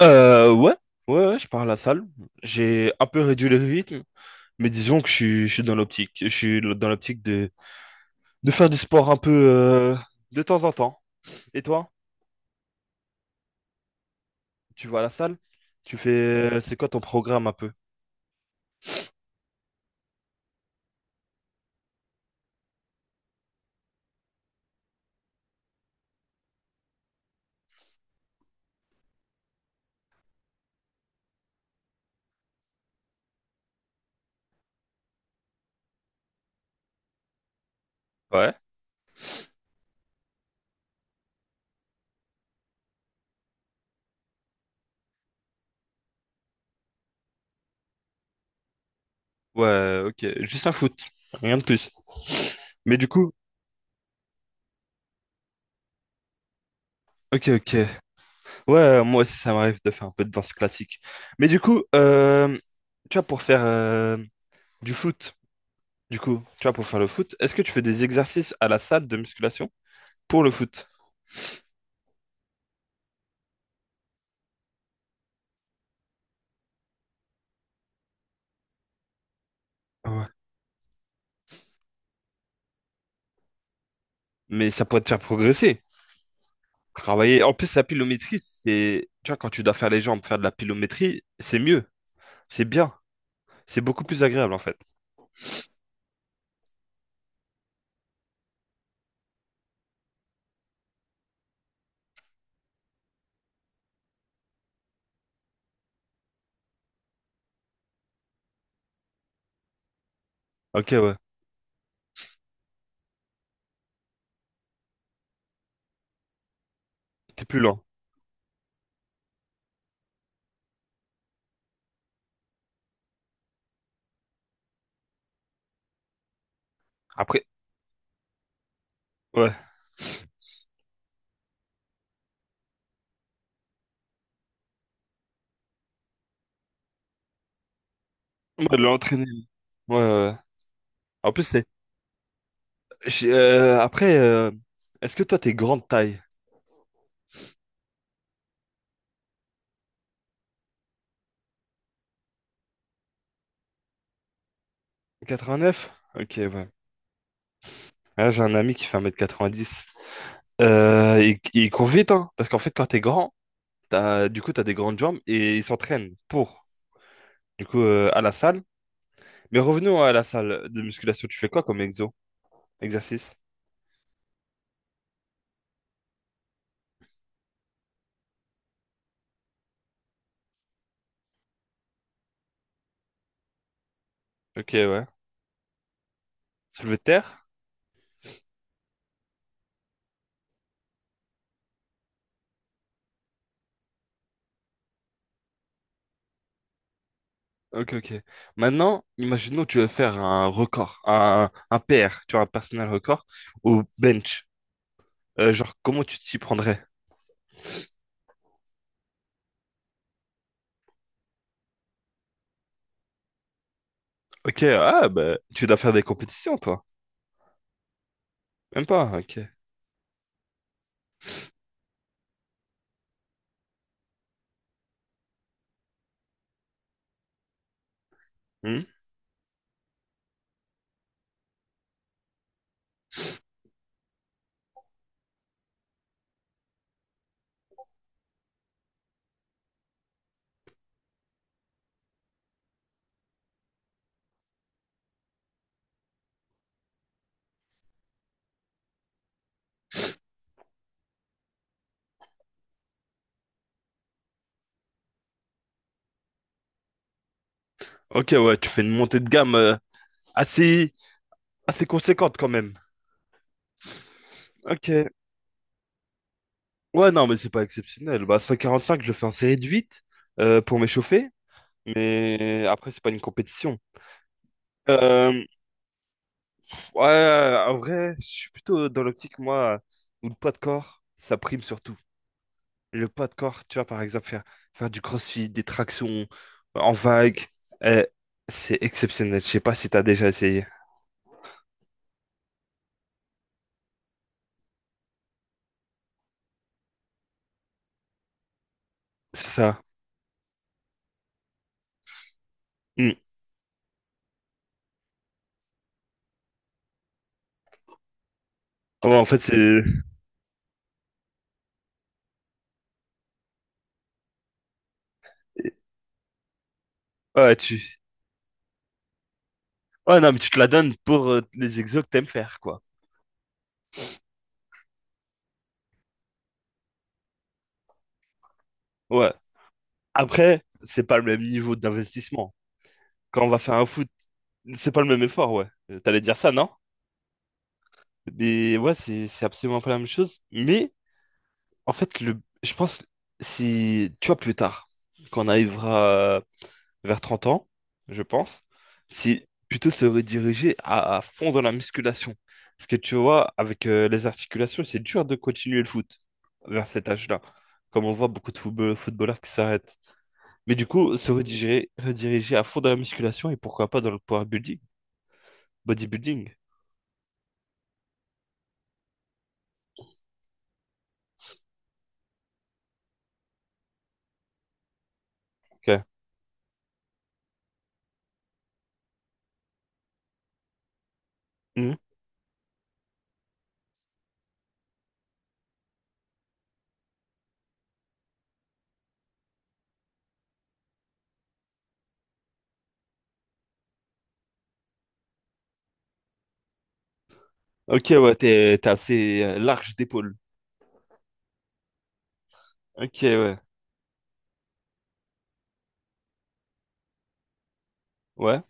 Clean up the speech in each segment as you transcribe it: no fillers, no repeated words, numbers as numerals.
Euh, ouais, ouais, je pars à la salle. J'ai un peu réduit le rythme, mais disons que je suis dans l'optique. Je suis dans l'optique de faire du sport un peu de temps en temps. Et toi, tu vas à la salle? Tu fais, c'est quoi ton programme un peu? Ouais, ouais, ok. Juste un foot, rien de plus. Mais du coup, ok, ok. Ouais, moi aussi, ça m'arrive de faire un peu de danse classique. Mais du coup, tu vois, pour faire du foot, du coup, tu vois, pour faire le foot, est-ce que tu fais des exercices à la salle de musculation? Pour le foot. Ouais. Mais ça pourrait te faire progresser. Travailler. En plus, la pilométrie, c'est... Tu vois, quand tu dois faire les jambes, faire de la pilométrie, c'est mieux. C'est bien. C'est beaucoup plus agréable, en fait. Ok, ouais. T'es plus lent. Après, ouais. Ouais, de l'entraîner. Ouais, ouais, ouais. En plus, c'est... j'ai- euh, après, euh, est-ce que toi, t'es grande taille? 89? Ok, ouais. Là, j'ai un ami qui fait 1 m 90. Il court vite, hein, parce qu'en fait, quand t'es grand, t'as des grandes jambes et il s'entraîne pour. Du coup, à la salle, mais revenons à la salle de musculation. Tu fais quoi comme exo? Exercice? Ok, ouais. Soulevé de terre? Ok, ok. Maintenant, imaginons que tu veux faire un record, un PR, tu vois, un personal record, au bench. Genre, comment tu t'y prendrais? Ok, ah, bah, tu dois faire des compétitions, toi. Même pas, ok. Hmm. Ok, ouais, tu fais une montée de gamme assez, assez conséquente quand même. Ok. Ouais, non, mais c'est pas exceptionnel. Bah, 145, je le fais en série de 8 pour m'échauffer. Mais après, c'est pas une compétition. Euh, ouais, en vrai, je suis plutôt dans l'optique, moi, où le poids de corps, ça prime surtout. Le poids de corps, tu vois, par exemple, faire du crossfit, des tractions en vague, euh, c'est exceptionnel. Je sais pas si t'as déjà essayé. C'est ça. Hmm. Ouais, en fait, c'est... Ouais, tu... Ouais, non, mais tu te la donnes pour les exos que t'aimes faire, quoi. Ouais. Après, c'est pas le même niveau d'investissement. Quand on va faire un foot, c'est pas le même effort, ouais. T'allais dire ça, non? Mais ouais, c'est absolument pas la même chose. Mais en fait, le, je pense, si, tu vois, plus tard, quand on arrivera vers 30 ans, je pense, si plutôt se rediriger à fond dans la musculation. Parce que tu vois, avec les articulations, c'est dur de continuer le foot vers cet âge-là. Comme on voit beaucoup de footballeurs qui s'arrêtent. Mais du coup, rediriger à fond dans la musculation et pourquoi pas dans le power building, bodybuilding. Ok, mhm. Ok, ouais, t'es assez large d'épaule. Ok, ouais. Ouais,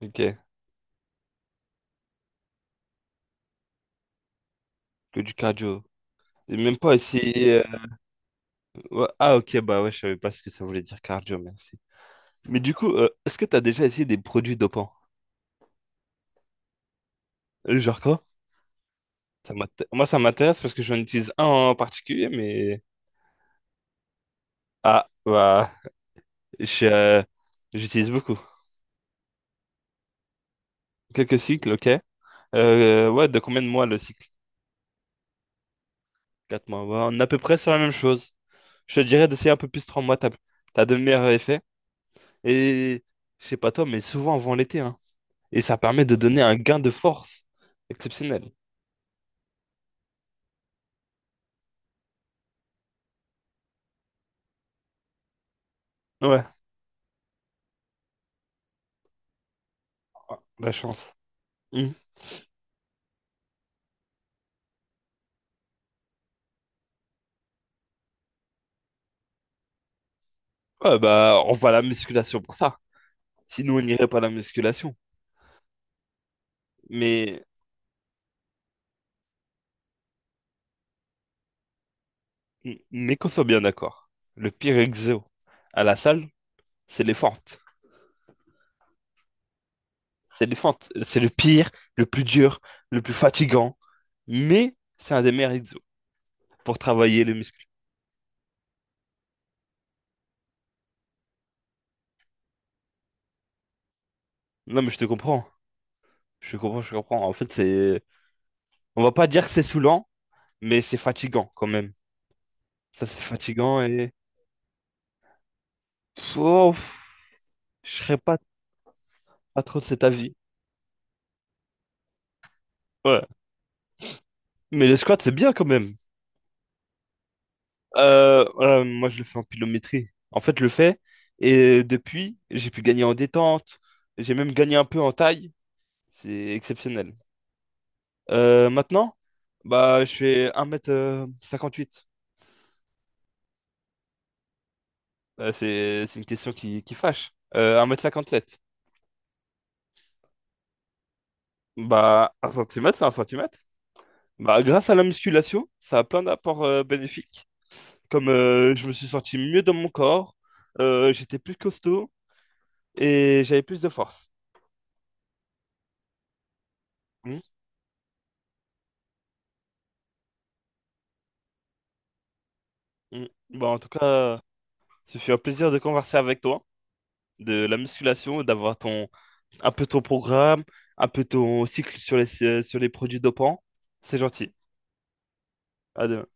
ok. Que du cardio. Et même pas essayer. Ouais, ah, ok, bah ouais, je savais pas ce que ça voulait dire cardio, merci. Mais du coup, est-ce que t'as déjà essayé des produits dopants? Genre quoi? Moi, ça m'intéresse parce que j'en utilise un en particulier, mais... Ah, bah... je, euh, j'utilise beaucoup. Quelques cycles, ok. Ouais, de combien de mois le cycle? 4 mois. Ouais, on est à peu près sur la même chose. Je te dirais d'essayer un peu plus 3 mois, t'as de meilleurs effets. Et je sais pas toi, mais souvent avant l'été, hein. Et ça permet de donner un gain de force exceptionnel. Ouais. Ah, la chance. Hmm. Ouais, bah, on va à la musculation pour ça. Sinon, on n'irait pas à la musculation. Mais, mais qu'on soit bien d'accord. Le pire exo à la salle, c'est les fentes. C'est les fentes. C'est le pire, le plus dur, le plus fatigant. Mais c'est un des meilleurs exos pour travailler les muscles. Non, mais je te comprends. Je comprends. En fait, c'est... On va pas dire que c'est saoulant, mais c'est fatigant quand même. Ça, c'est fatigant et... Pff, oh, pff, je serais pas, pas trop de cet avis. Ouais. Mais le squat, c'est bien quand même. Moi, je le fais en pilométrie. En fait, je le fais. Et depuis, j'ai pu gagner en détente. J'ai même gagné un peu en taille. C'est exceptionnel. Maintenant, bah, je fais 1 m 58. C'est une question qui fâche. 1 m 57. Bah, un centimètre, c'est un centimètre. Bah, grâce à la musculation, ça a plein d'apports bénéfiques. Comme je me suis senti mieux dans mon corps, j'étais plus costaud et j'avais plus de force. Hmm. Mm. Bon, en tout cas, ce fut un plaisir de converser avec toi, de la musculation, d'avoir ton un peu ton programme, un peu ton cycle sur les produits dopants. C'est gentil. À demain.